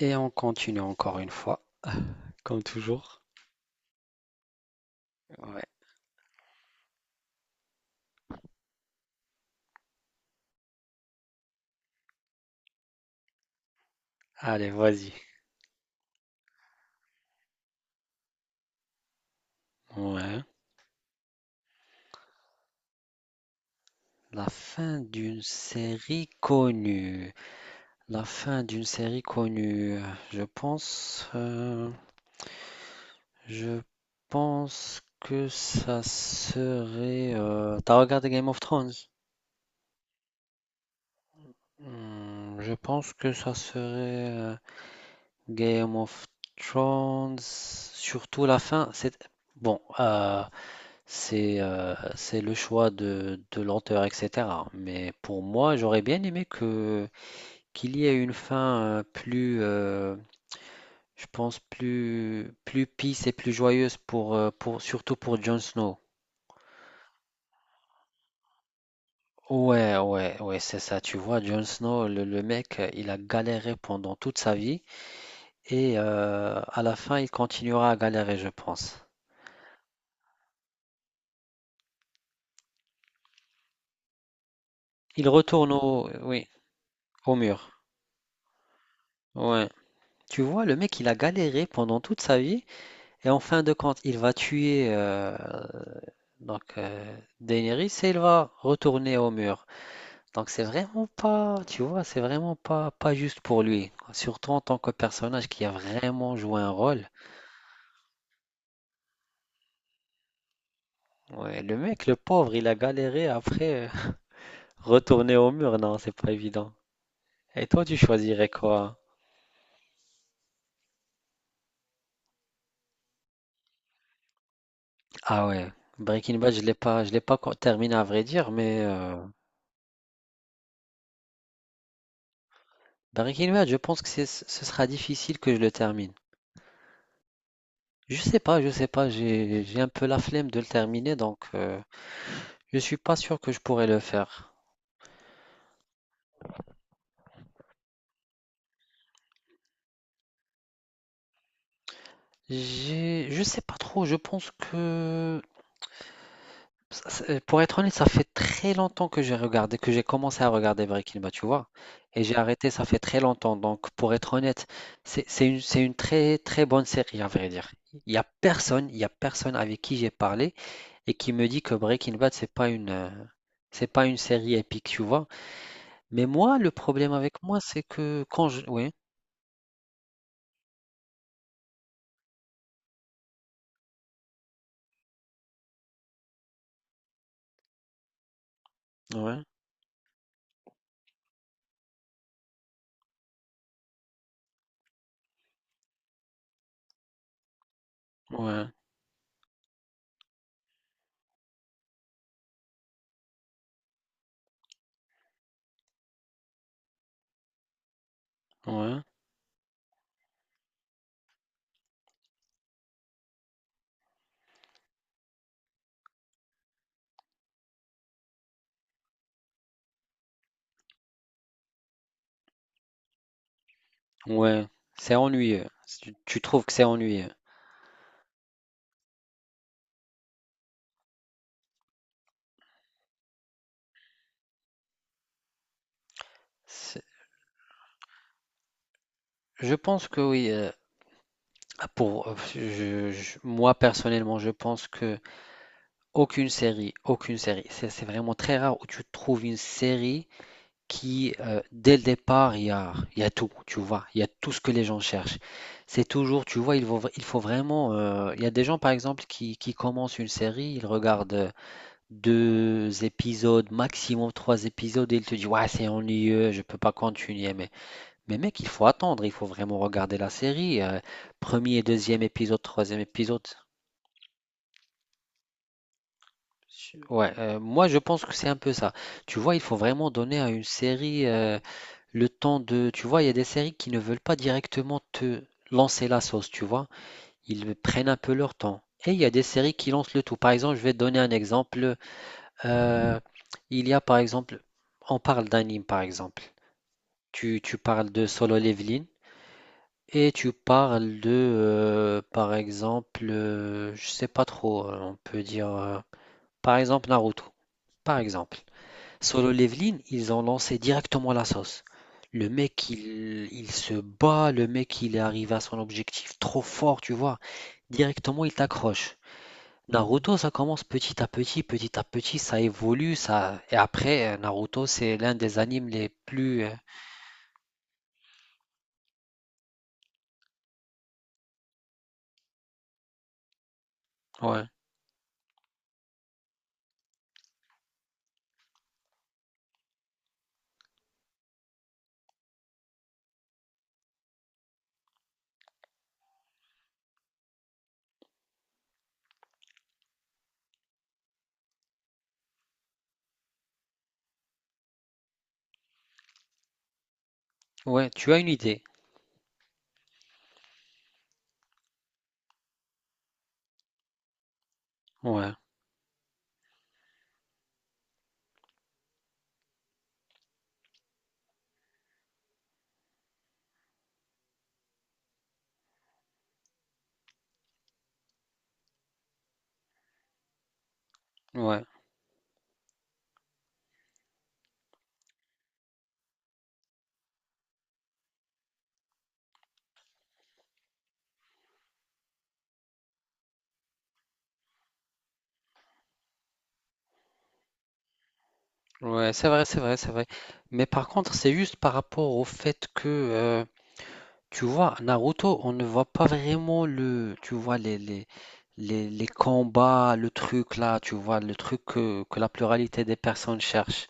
Et on continue encore une fois, comme toujours. Ouais. Allez, vas-y. Ouais. La fin d'une série connue. La fin d'une série connue. Je pense, euh, je pense que ça serait. T'as regardé Game of Thrones? Je pense que ça serait euh, Game of Thrones. Surtout la fin. C'est bon. C'est le choix de l'auteur, etc. Mais pour moi, j'aurais bien aimé que qu'il y ait une fin plus, je pense, plus peace et plus joyeuse pour surtout pour Jon Snow. Ouais, ouais, ouais, c'est ça. Tu vois, Jon Snow, le mec, il a galéré pendant toute sa vie et à la fin, il continuera à galérer, je pense. Il retourne au, oui, au mur. Ouais. Tu vois, le mec, il a galéré pendant toute sa vie. Et en fin de compte, il va tuer Daenerys et il va retourner au mur. Donc c'est vraiment pas, tu vois, c'est vraiment pas juste pour lui. Surtout en tant que personnage qui a vraiment joué un rôle. Ouais, le mec, le pauvre, il a galéré après retourner au mur. Non, c'est pas évident. Et toi, tu choisirais quoi? Ah ouais, Breaking Bad, je l'ai pas, terminé à vrai dire, mais Breaking Bad, je pense que ce sera difficile que je le termine. Je sais pas, j'ai un peu la flemme de le terminer, donc je suis pas sûr que je pourrais le faire. J'ai, je sais pas trop, je pense que pour être honnête, ça fait très longtemps que j'ai commencé à regarder Breaking Bad, tu vois, et j'ai arrêté, ça fait très longtemps. Donc pour être honnête, c'est une très très bonne série à vrai dire. Il y a personne, il y a personne avec qui j'ai parlé et qui me dit que Breaking Bad c'est pas une série épique, tu vois. Mais moi, le problème avec moi, c'est que quand je... Oui. Ouais, ouais, ouais, ouais. C'est ennuyeux. Si tu, tu trouves que c'est ennuyeux. C'est- Je pense que oui. Pour, moi, personnellement, je pense que aucune série, c'est vraiment très rare où tu trouves une série qui, dès le départ, il y a tout, tu vois. Il y a tout ce que les gens cherchent. C'est toujours, tu vois, il faut vraiment... Il y a des gens, par exemple, qui commencent une série, ils regardent... 2 épisodes, maximum trois épisodes, et il te dit, ouais, c'est ennuyeux, je peux pas continuer. Mais mec, il faut attendre, il faut vraiment regarder la série. Premier, deuxième épisode, troisième épisode. Ouais, moi, je pense que c'est un peu ça. Tu vois, il faut vraiment donner à une série le temps de. Tu vois, il y a des séries qui ne veulent pas directement te lancer la sauce, tu vois. Ils prennent un peu leur temps. Et il y a des séries qui lancent le tout. Par exemple, je vais te donner un exemple. Euh, il y a par exemple, on parle d'anime par exemple. Tu parles de Solo Leveling et tu parles de, je sais pas trop, on peut dire, par exemple Naruto. Par exemple, Solo Leveling, ils ont lancé directement la sauce. Le mec, il se bat, le mec, il est arrivé à son objectif trop fort, tu vois. Directement, il t'accroche. Naruto, ça commence petit à petit, ça évolue, ça. Et après, Naruto, c'est l'un des animes les plus. Ouais, ouais, tu as une idée. Ouais. Ouais, ouais, c'est vrai, c'est vrai, c'est vrai. Mais par contre, c'est juste par rapport au fait que, tu vois, Naruto, on ne voit pas vraiment le, tu vois, les combats, le truc là, tu vois, le truc que la pluralité des personnes cherche.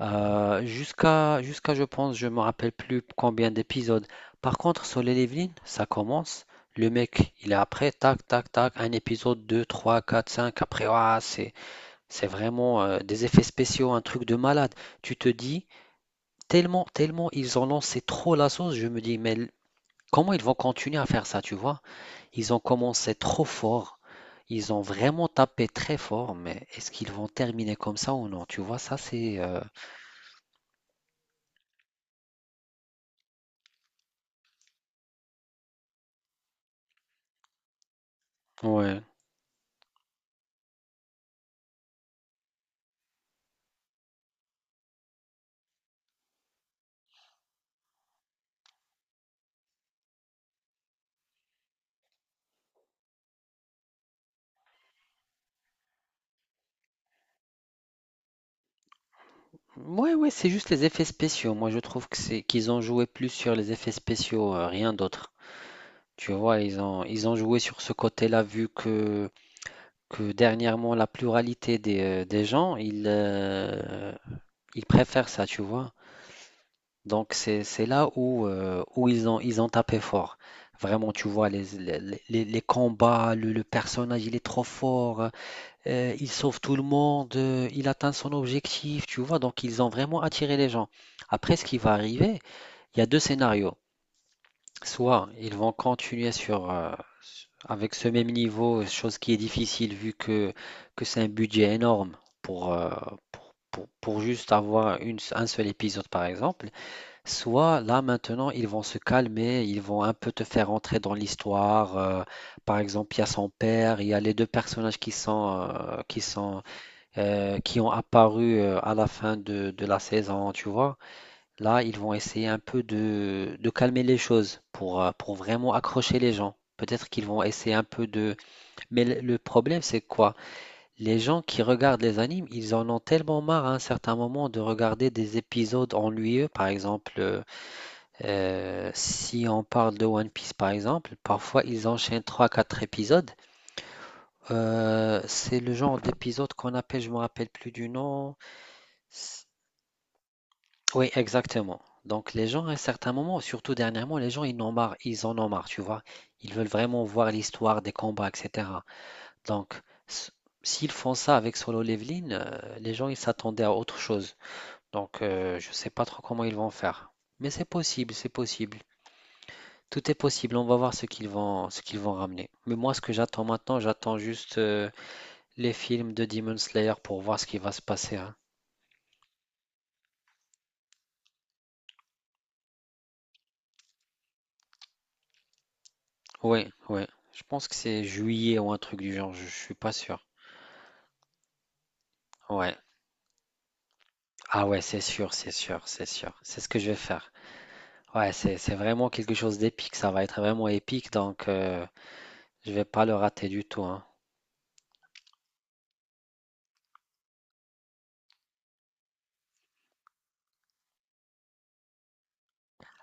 Jusqu'à, je pense, je me rappelle plus combien d'épisodes. Par contre, sur les Eveline, ça commence. Le mec, il est après, tac, tac, tac, un épisode, deux, trois, quatre, cinq, après, ouah, c'est vraiment, des effets spéciaux, un truc de malade. Tu te dis tellement ils ont lancé trop la sauce, je me dis: «Mais l comment ils vont continuer à faire ça?» tu vois? Ils ont commencé trop fort, ils ont vraiment tapé très fort, mais est-ce qu'ils vont terminer comme ça ou non? Tu vois? Ça c'est, ouais. Ouais, ouais, c'est juste les effets spéciaux. Moi je trouve que c'est qu'ils ont joué plus sur les effets spéciaux, rien d'autre. Tu vois? Ils ont joué sur ce côté-là vu que dernièrement, la pluralité des gens, ils préfèrent ça, tu vois. Donc, c'est là où, ils ont tapé fort. Vraiment, tu vois, les combats, le personnage, il est trop fort, il sauve tout le monde, il atteint son objectif, tu vois. Donc, ils ont vraiment attiré les gens. Après, ce qui va arriver, il y a deux scénarios. Soit ils vont continuer sur, avec ce même niveau, chose qui est difficile vu que c'est un budget énorme pour, pour juste avoir une un seul épisode par exemple. Soit là maintenant ils vont se calmer, ils vont un peu te faire entrer dans l'histoire, par exemple il y a son père, il y a les 2 personnages qui sont, qui ont apparu, à la fin de la saison, tu vois? Là, ils vont essayer un peu de calmer les choses pour vraiment accrocher les gens. Peut-être qu'ils vont essayer un peu de... Mais le problème, c'est quoi? Les gens qui regardent les animes, ils en ont tellement marre à un certain moment de regarder des épisodes ennuyeux. Si on parle de One Piece, par exemple, parfois ils enchaînent trois quatre épisodes. C'est le genre d'épisode qu'on appelle, je me rappelle plus du nom. Oui, exactement. Donc les gens, à un certain moment, surtout dernièrement, les gens, ils en ont marre, ils en ont marre, tu vois. Ils veulent vraiment voir l'histoire des combats, etc. Donc, s- s'ils font ça avec Solo Leveling, les gens, ils s'attendaient à autre chose. Donc, je sais pas trop comment ils vont faire. Mais c'est possible, c'est possible. Tout est possible, on va voir ce qu'ils vont ramener. Mais moi, ce que j'attends maintenant, j'attends juste les films de Demon Slayer pour voir ce qui va se passer, hein. Oui, oui. Je pense que c'est juillet ou un truc du genre, je suis pas sûr. Ouais. Ah ouais, c'est sûr, c'est sûr, c'est sûr. C'est ce que je vais faire. Ouais, c'est vraiment quelque chose d'épique. Ça va être vraiment épique, donc je vais pas le rater du tout, hein.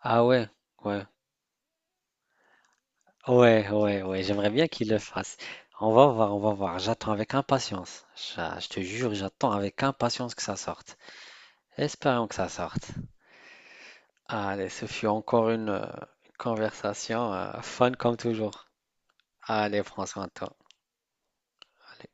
Ah ouais, ouais, ouais, ouais, ouais. J'aimerais bien qu'il le fasse. On va voir, on va voir. J'attends avec impatience. Je te jure, j'attends avec impatience que ça sorte. Espérons que ça sorte. Allez, ce fut encore une conversation fun comme toujours. Allez, François, à toi. Allez.